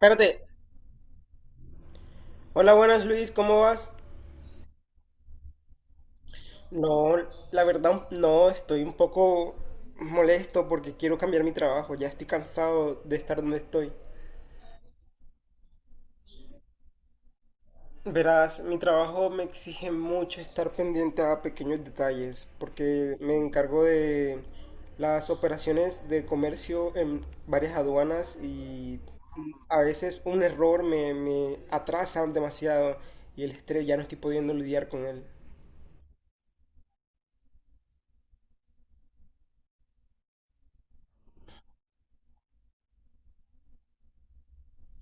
Espérate. Hola, buenas, Luis, ¿cómo vas? No, la verdad, no, estoy un poco molesto porque quiero cambiar mi trabajo. Ya estoy cansado de estar donde estoy. Verás, mi trabajo me exige mucho estar pendiente a pequeños detalles porque me encargo de las operaciones de comercio en varias aduanas y a veces un error me atrasa demasiado y el estrés ya no estoy pudiendo lidiar con él.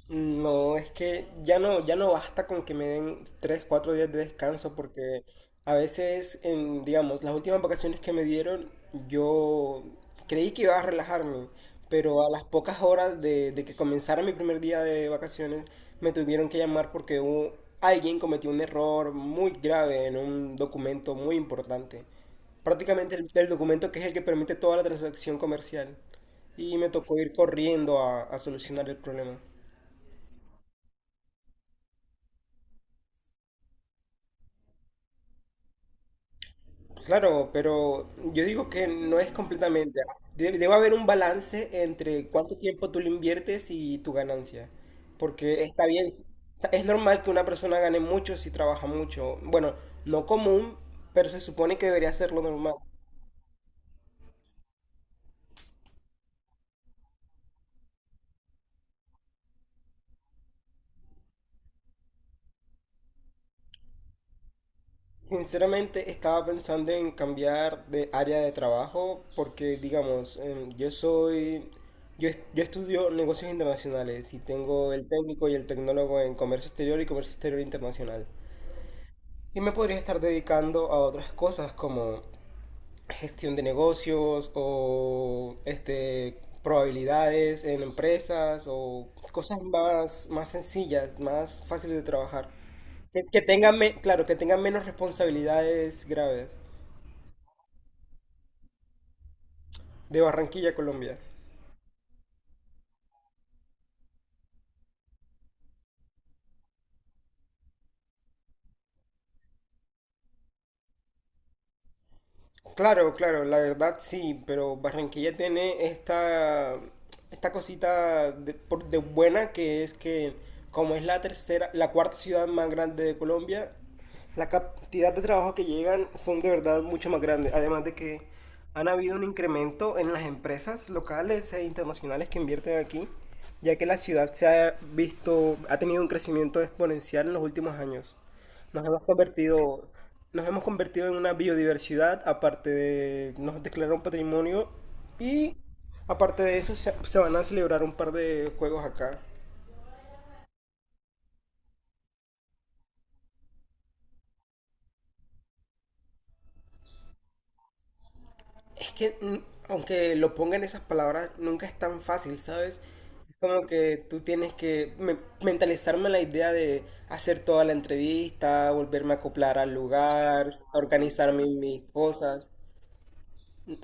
No, es que ya no basta con que me den 3, 4 días de descanso porque a veces, digamos, las últimas vacaciones que me dieron, yo creí que iba a relajarme, pero a las pocas horas de que comenzara mi primer día de vacaciones, me tuvieron que llamar porque alguien cometió un error muy grave en un documento muy importante. Prácticamente el documento que es el que permite toda la transacción comercial. Y me tocó ir corriendo a solucionar el problema. Claro, pero yo digo que no es completamente. Debe haber un balance entre cuánto tiempo tú le inviertes y tu ganancia. Porque está bien, es normal que una persona gane mucho si trabaja mucho. Bueno, no común, pero se supone que debería ser lo normal. Sinceramente, estaba pensando en cambiar de área de trabajo porque, digamos, yo estudio negocios internacionales y tengo el técnico y el tecnólogo en comercio exterior y comercio exterior internacional. Y me podría estar dedicando a otras cosas como gestión de negocios o probabilidades en empresas o cosas más sencillas, más fáciles de trabajar. Claro, que tengan menos responsabilidades graves. De Barranquilla, Colombia. Claro, claro, la verdad sí, pero Barranquilla tiene esta cosita de buena que es que como es la tercera, la cuarta ciudad más grande de Colombia, la cantidad de trabajo que llegan son de verdad mucho más grandes. Además de que han habido un incremento en las empresas locales e internacionales que invierten aquí, ya que la ciudad se ha visto, ha tenido un crecimiento exponencial en los últimos años. Nos hemos convertido, nos hemos convertido en una biodiversidad, aparte de nos declararon patrimonio y aparte de eso se van a celebrar un par de juegos acá. Es que aunque lo pongan esas palabras, nunca es tan fácil, ¿sabes? Es como que tú tienes que mentalizarme la idea de hacer toda la entrevista, volverme a acoplar al lugar, organizar mis cosas.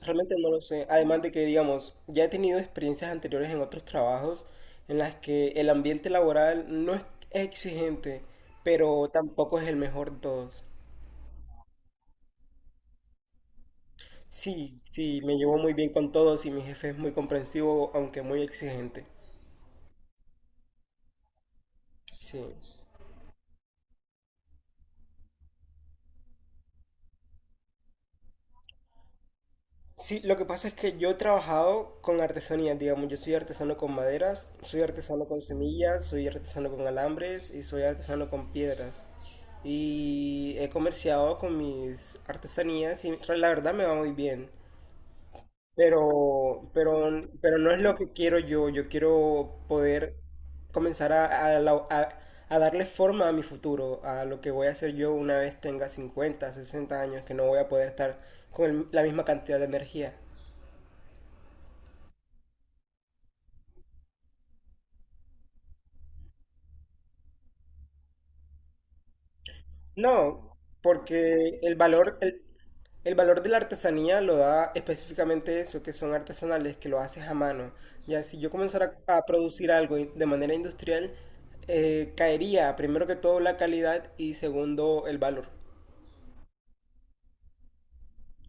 Realmente no lo sé. Además de que, digamos, ya he tenido experiencias anteriores en otros trabajos en las que el ambiente laboral no es exigente, pero tampoco es el mejor de todos. Sí, sí, me llevo muy bien con todos y mi jefe es muy comprensivo, aunque muy exigente. Sí. Sí, lo que pasa es que yo he trabajado con artesanías, digamos, yo soy artesano con maderas, soy artesano con semillas, soy artesano con alambres y soy artesano con piedras. Y he comerciado con mis artesanías y la verdad me va muy bien. Pero, pero, pero no es lo que quiero yo. Yo quiero poder comenzar a darle forma a mi futuro, a lo que voy a hacer yo una vez tenga 50, 60 años, que no voy a poder estar con la misma cantidad de energía. No, porque el valor de la artesanía lo da específicamente eso, que son artesanales, que lo haces a mano. Ya si yo comenzara a producir algo de manera industrial, caería primero que todo la calidad y segundo el valor.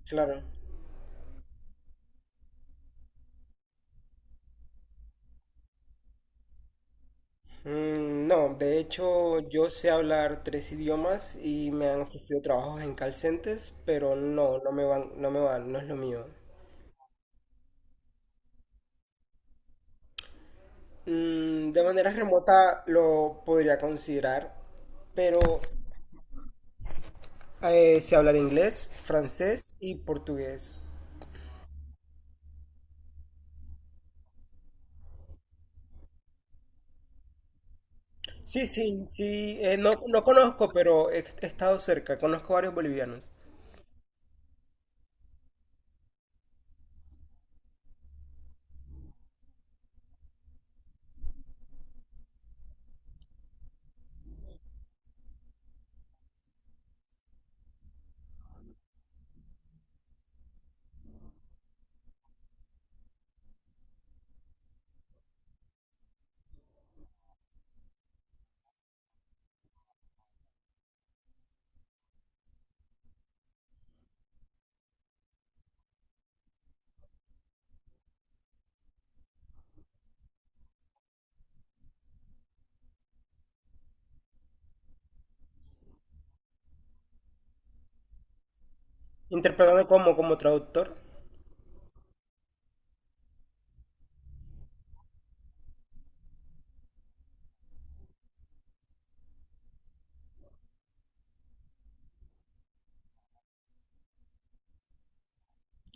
Claro. Mm, no, de hecho yo sé hablar tres idiomas y me han ofrecido trabajos en call centers, pero no, no me van, no es lo mío. Mm, de manera remota lo podría considerar, pero sé hablar inglés, francés y portugués. Sí, sí, sí, no, no conozco, pero he estado cerca, conozco varios bolivianos. Interpretando como traductor.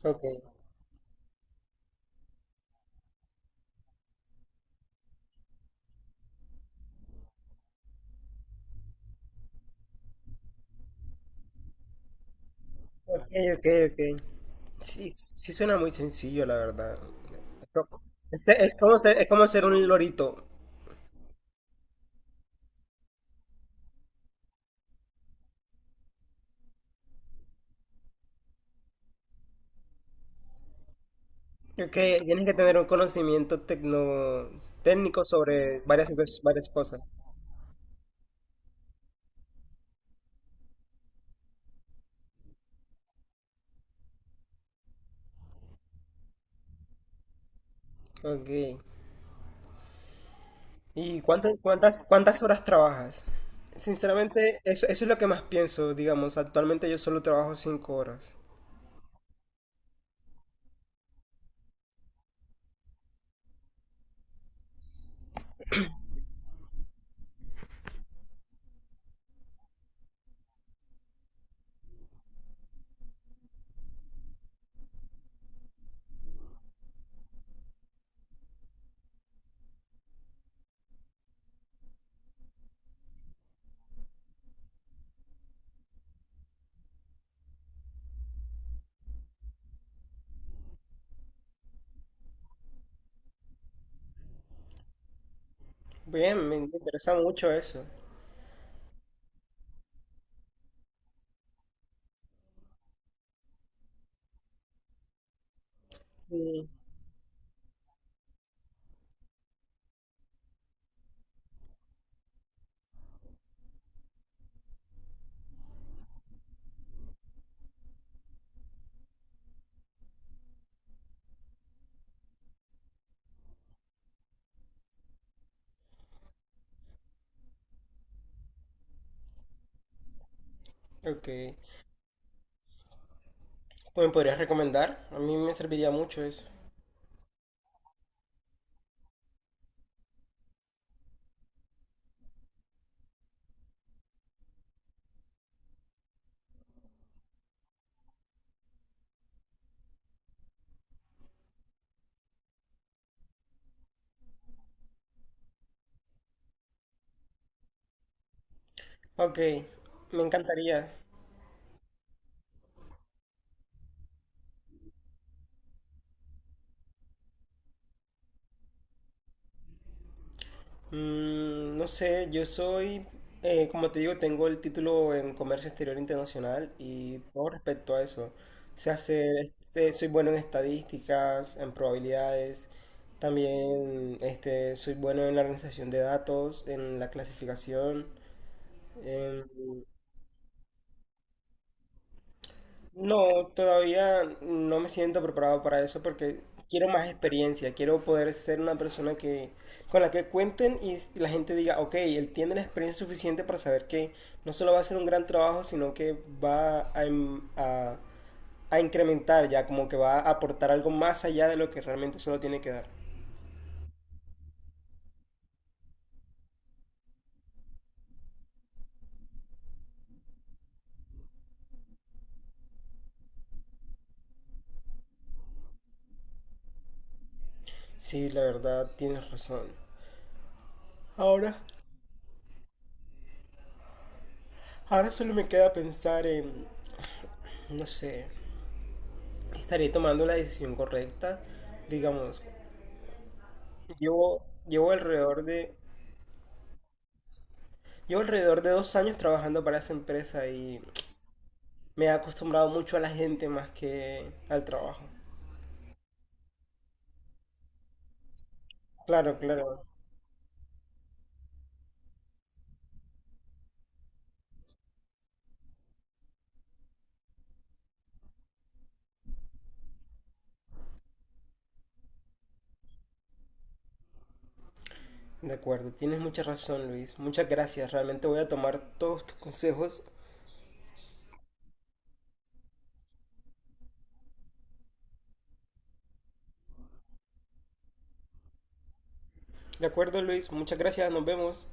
Ok, ok, ok, ok. Sí, sí suena muy sencillo, la verdad. Es como ser un lorito. Que tienes que tener un conocimiento técnico sobre varias cosas. Ok. ¿Y cuántas horas trabajas? Sinceramente, eso es lo que más pienso, digamos. Actualmente yo solo trabajo 5 horas. Bien, me interesa mucho eso. Mm. Ok. Pues, ¿me podrías recomendar? A mí me serviría mucho eso. Ok, me encantaría. Mm, no sé, como te digo, tengo el título en Comercio Exterior Internacional y todo respecto a eso. Soy bueno en estadísticas, en probabilidades, también soy bueno en la organización de datos, en la clasificación. No, todavía no me siento preparado para eso porque quiero más experiencia, quiero poder ser una persona que con la que cuenten y la gente diga, ok, él tiene la experiencia suficiente para saber que no solo va a hacer un gran trabajo, sino que va a incrementar ya, como que va a aportar algo más allá de lo que realmente solo tiene que dar. Sí, la verdad, tienes razón. Ahora, ahora solo me queda pensar en, no sé, estaré tomando la decisión correcta, digamos. Llevo, llevo alrededor de, llevo alrededor de 2 años trabajando para esa empresa y me he acostumbrado mucho a la gente más que al trabajo. Claro, claro. De acuerdo, tienes mucha razón, Luis. Muchas gracias. Realmente voy a tomar todos tus consejos. De acuerdo, Luis. Muchas gracias. Nos vemos.